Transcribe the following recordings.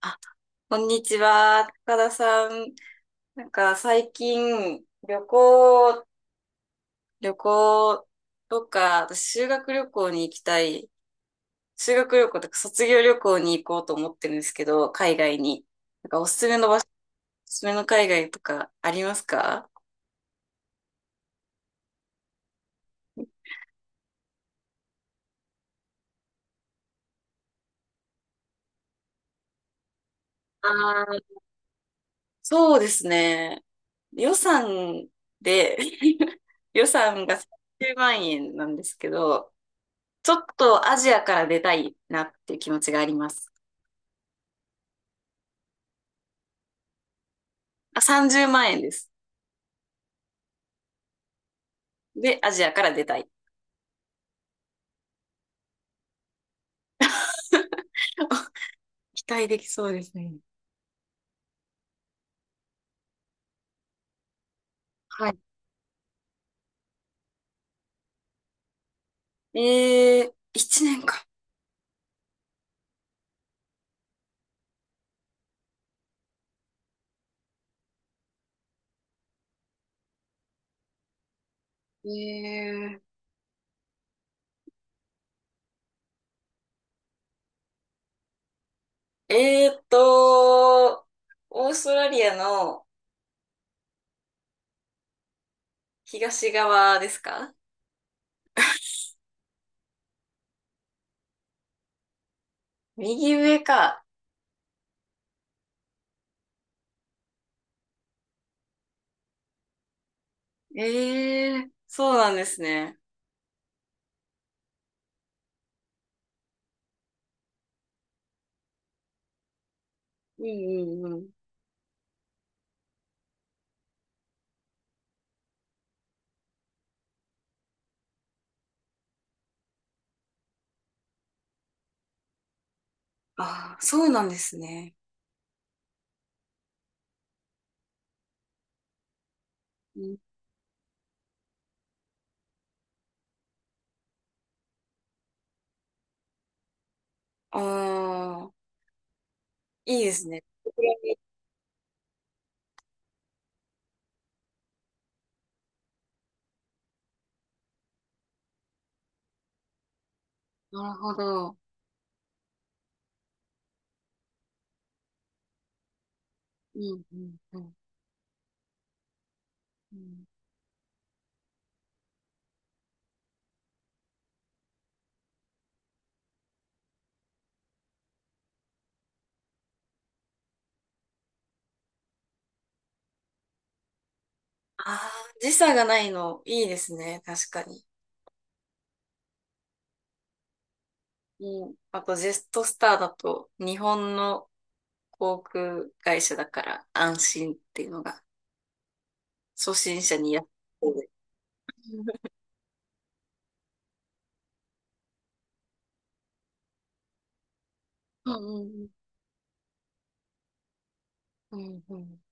あ、こんにちは、高田さん。なんか最近、旅行とか、私修学旅行とか卒業旅行に行こうと思ってるんですけど、海外に。なんかおすすめの場所、おすすめの海外とかありますか？ああー、そうですね。予算で 予算が30万円なんですけど、ちょっとアジアから出たいなっていう気持ちがあります。あ、30万円です。で、アジアから出たい。期待できそうですね。はい。1年か。えー、えーっと、オーストラリアの東側ですか？右上か。えー、そうなんですね。うんうんうん。ああ、そうなんですね。うん。ああ、いいですね。なるほど。うんうんうん。うん。あ時差がないの、いいですね。確かに。うん。あと、ジェットスターだと、日本の航空会社だから安心っていうのが、初心者にやってる。うんうんうん。うんうん。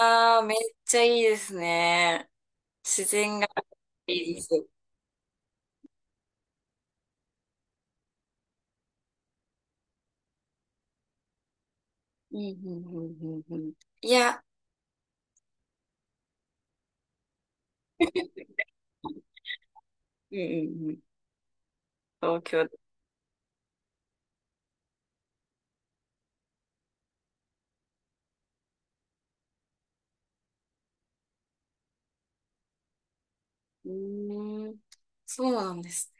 ああ、めっちゃいいですね。自然がいいです。うんうんうんうんうん。いや、うんうんうん。東京で。うーん。そうなんですね。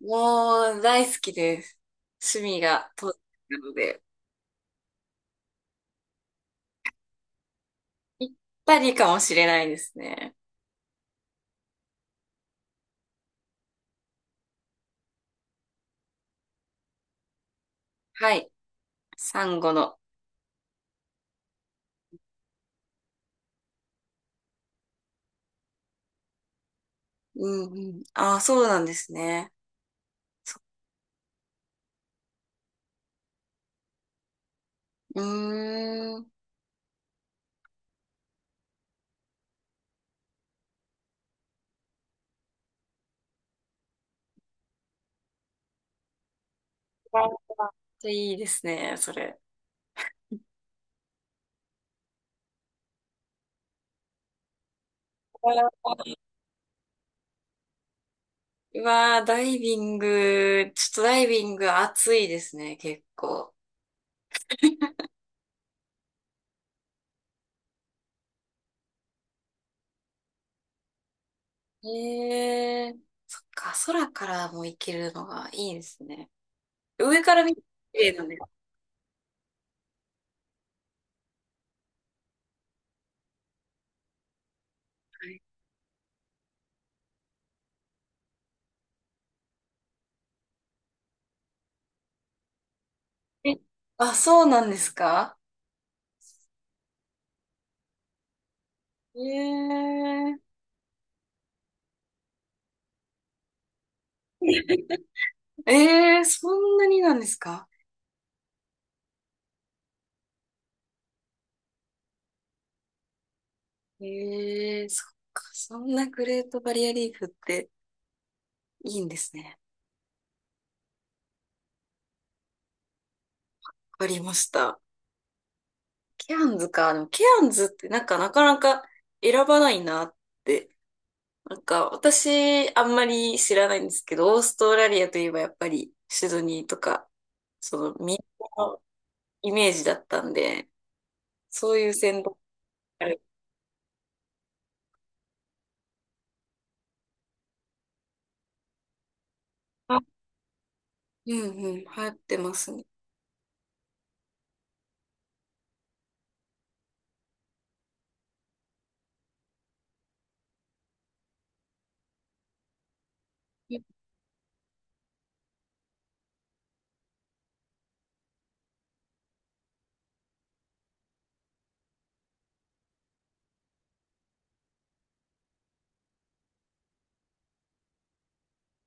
もう、大好きです。趣味が東京なので。ぴったりかもしれないですね。はい。サンゴの。うんうん。ああ、そうなんですね。うーん。いいですね、それ。うわー、ダイビング、ちょっとダイビング暑いですね、結構。へえ、そっか、空からも行けるのがいいですね。上から見て綺麗なんですかね。え、あ、そうなんですか？へえ。ええ、そんなになんですか？ええ、そっか。そんなグレートバリアリーフっていいんですね。わかりました。ケアンズか。でもケアンズってなんかなかなか選ばないなって。なんか私あんまり知らないんですけど、オーストラリアといえばやっぱりシドニーとか、その民放のイメージだったんで、そういう線路がある。あ、うんうん、流行ってますね。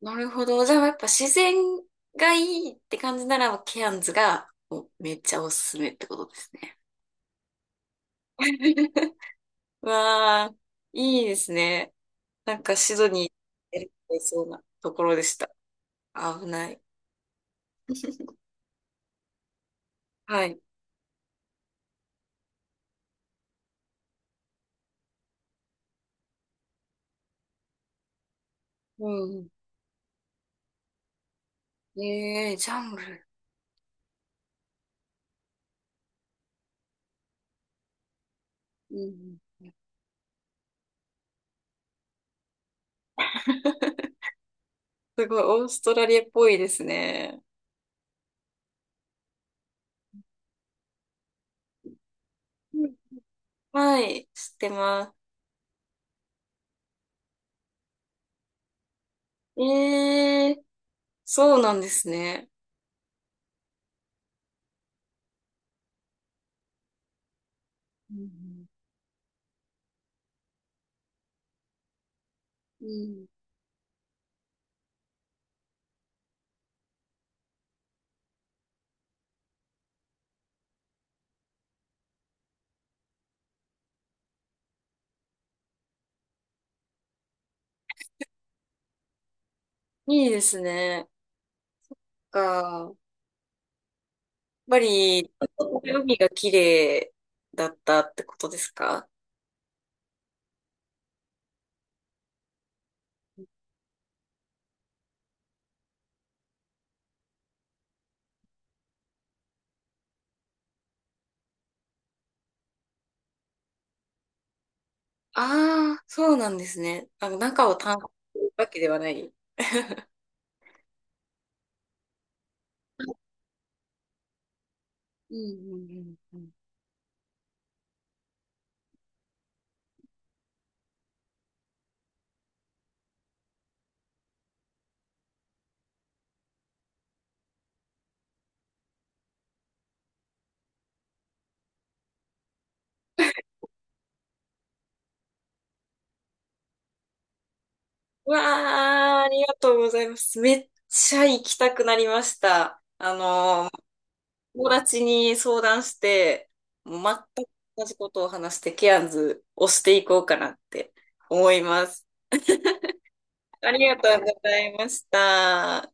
なるほど。じゃあやっぱ自然がいいって感じなら、ケアンズがもうめっちゃおすすめってことですね。わあ、いいですね。なんかシドニー、やれそうなところでした。危ない。はい。うん。ええ、ジャングル。うん。すごい、オーストラリアっぽいですね。うん、はい、知ってます。ええ、そうなんですね。うん。うん、いいですね。か。ぱり、海が綺麗だったってことですか？ああー、そうなんですね。あの、中を探索するわけではない。うんうんうんうん。うわあ、ありがとうございます。めっちゃ行きたくなりました。友達に相談して、もう全く同じことを話して、ケアンズをしていこうかなって思います。ありがとうございました。